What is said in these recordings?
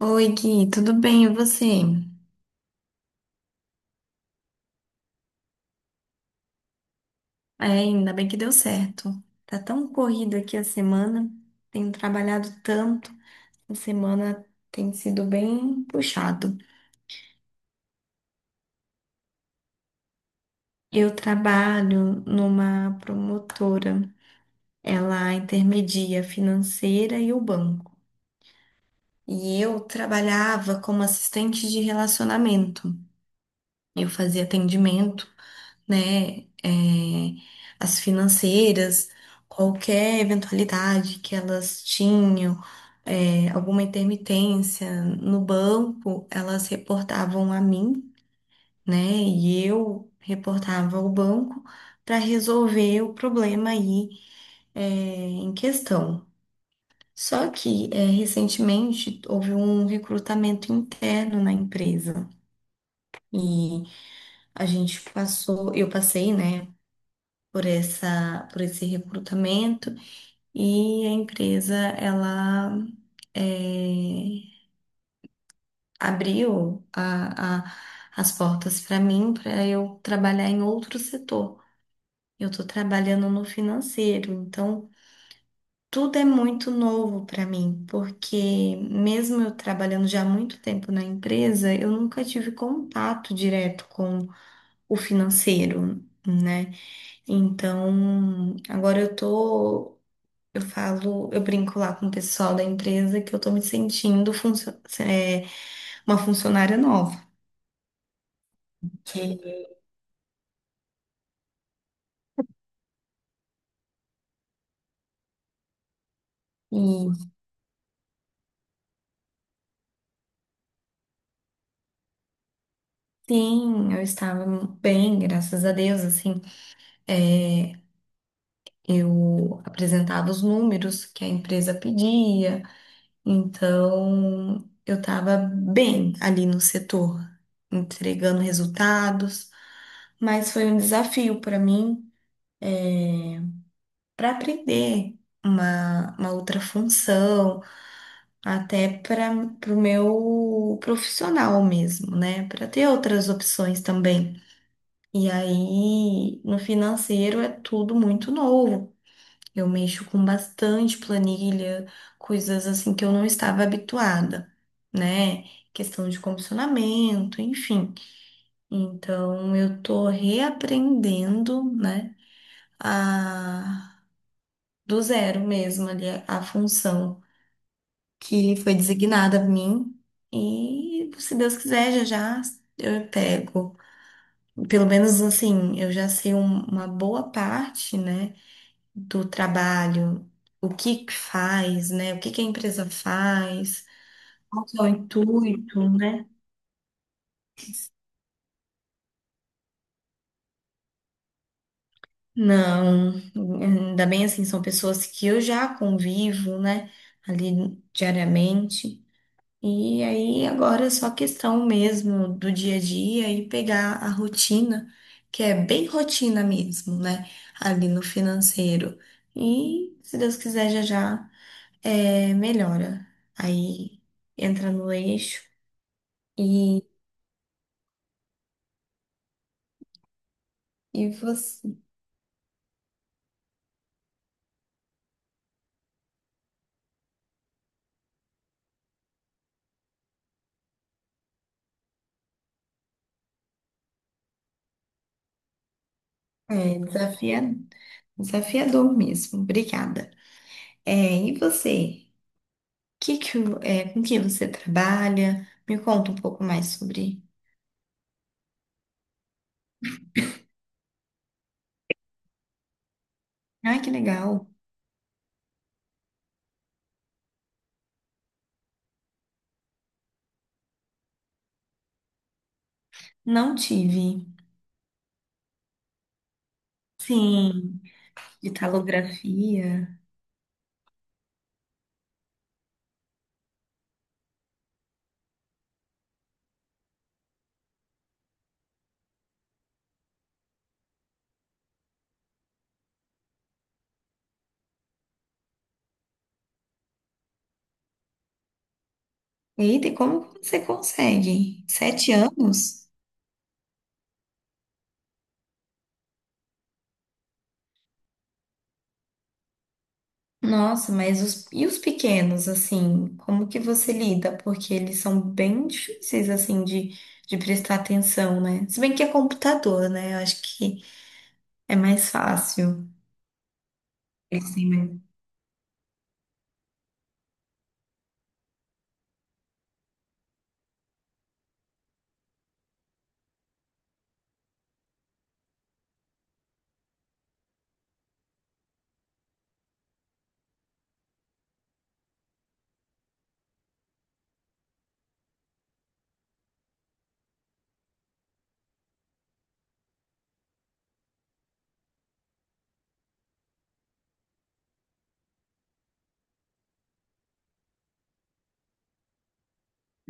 Oi, Gui, tudo bem? E você? É, ainda bem que deu certo. Tá tão corrido aqui a semana, tenho trabalhado tanto, a semana tem sido bem puxado. Eu trabalho numa promotora, ela intermedia financeira e o banco. E eu trabalhava como assistente de relacionamento. Eu fazia atendimento né, as financeiras, qualquer eventualidade que elas tinham, alguma intermitência no banco, elas reportavam a mim, né, e eu reportava ao banco para resolver o problema aí, em questão. Só que, recentemente houve um recrutamento interno na empresa. E eu passei, né? Por esse recrutamento e a empresa ela eh, abriu a- a- as portas para mim para eu trabalhar em outro setor. Eu estou trabalhando no financeiro, então tudo é muito novo para mim, porque mesmo eu trabalhando já há muito tempo na empresa, eu nunca tive contato direto com o financeiro, né? Então, agora eu tô. Eu falo, eu brinco lá com o pessoal da empresa que eu tô me sentindo uma funcionária nova. Que, e sim, eu estava bem, graças a Deus, assim, é, eu apresentava os números que a empresa pedia, então eu estava bem ali no setor, entregando resultados, mas foi um desafio para mim para aprender uma outra função, até para o meu profissional mesmo, né? Para ter outras opções também. E aí, no financeiro é tudo muito novo. Eu mexo com bastante planilha, coisas assim que eu não estava habituada, né? Questão de comissionamento, enfim. Então, eu tô reaprendendo, né? Do zero mesmo ali a, função que foi designada a mim. E se Deus quiser, já já eu pego. Pelo menos assim, eu já sei uma boa parte, né, do trabalho, o que que faz, né, o que que a empresa faz, qual que é o intuito, né? Não, ainda bem assim, são pessoas que eu já convivo, né, ali diariamente. E aí agora é só questão mesmo do dia a dia e pegar a rotina, que é bem rotina mesmo, né? Ali no financeiro. E se Deus quiser, já já melhora. Aí entra no eixo e, e você. É desafia, desafiador mesmo. Obrigada. É, e você? Com que você trabalha? Me conta um pouco mais sobre. Ai, que legal. Não tive. Sim, italografia. Eita, e como você consegue? Sete anos? Nossa, e os pequenos, assim, como que você lida? Porque eles são bem difíceis, assim, de prestar atenção, né? Se bem que é computador, né? Eu acho que é mais fácil. Eles têm mais...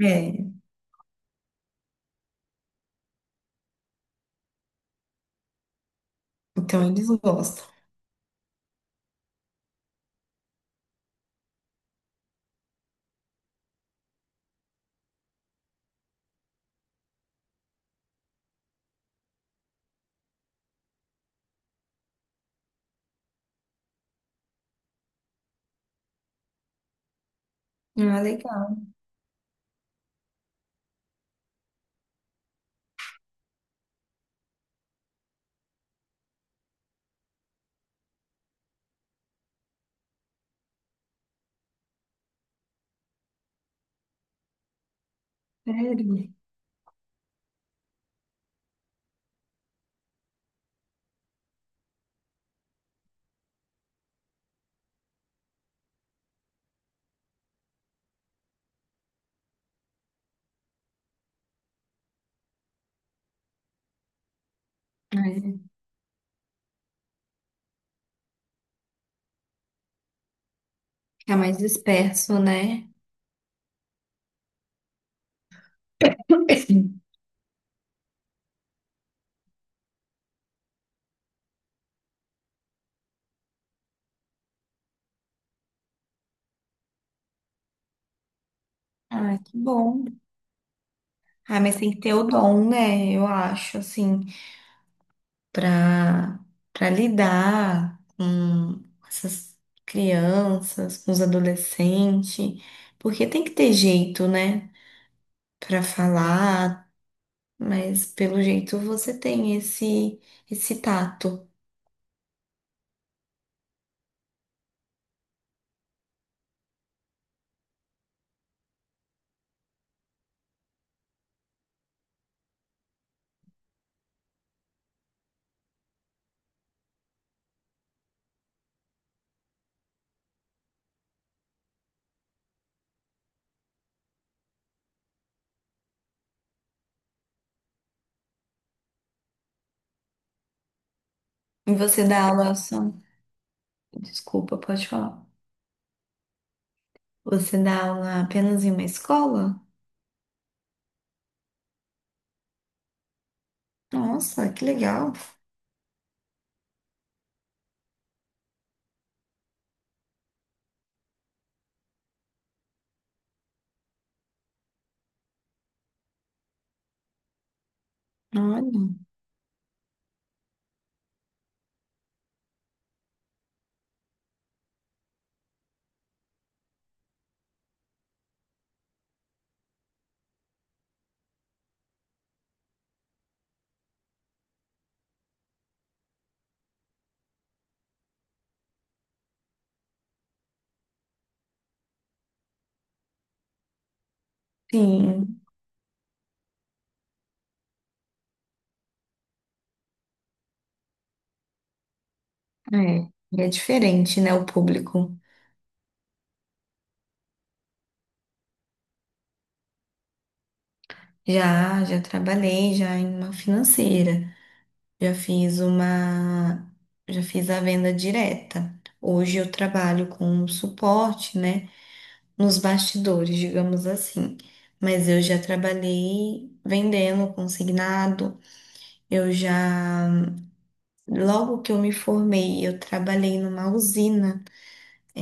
É, então eles gostam. Ah, legal, sério. É, fica mais disperso, né? Ai, que bom. Ah, mas tem que ter o dom, né? Eu acho, assim, pra, pra lidar com essas crianças, com os adolescentes, porque tem que ter jeito, né? Pra falar, mas pelo jeito você tem esse tato. E você dá aula só. Desculpa, pode falar. Você dá aula apenas em uma escola? Nossa, que legal. Olha. Sim, é. E é diferente, né? O público. Já, já trabalhei já em uma financeira. Já fiz uma, já fiz a venda direta. Hoje eu trabalho com suporte, né, nos bastidores, digamos assim. Mas eu já trabalhei vendendo consignado. Eu já, logo que eu me formei, eu trabalhei numa usina,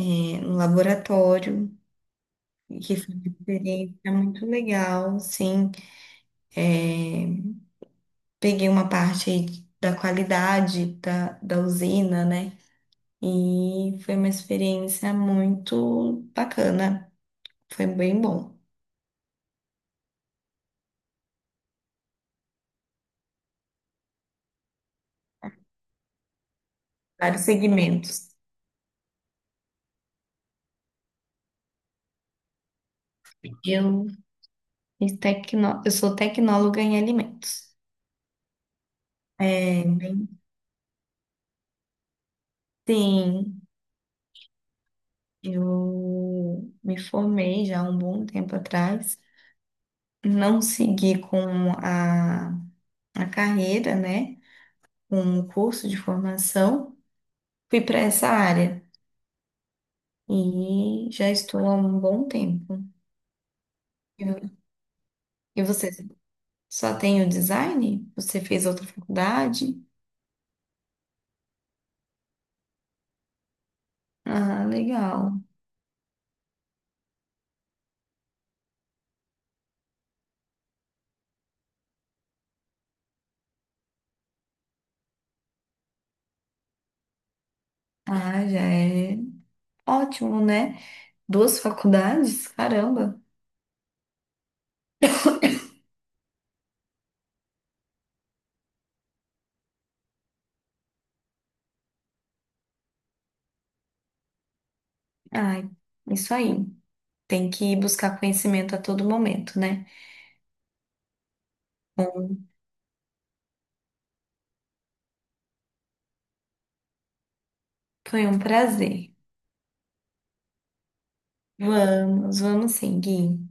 né, no laboratório, que foi uma experiência muito legal, sim. Peguei uma parte aí da usina, né? E foi uma experiência muito bacana, foi bem bom. Vários segmentos. Eu, eu sou tecnóloga em alimentos. É, bem, sim, eu me formei já há um bom tempo atrás. Não segui com a carreira, né? Um curso de formação. Fui para essa área. E já estou há um bom tempo. Eu- E você só tem o design? Você fez outra faculdade? Ah, legal. Ah, já é ótimo, né? Duas faculdades? Caramba. Ai, isso aí. Tem que buscar conhecimento a todo momento, né? Bom, foi um prazer. Vamos, vamos sim, Gui.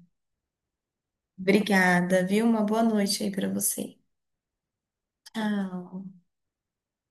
Obrigada, viu? Uma boa noite aí para você. Tchau.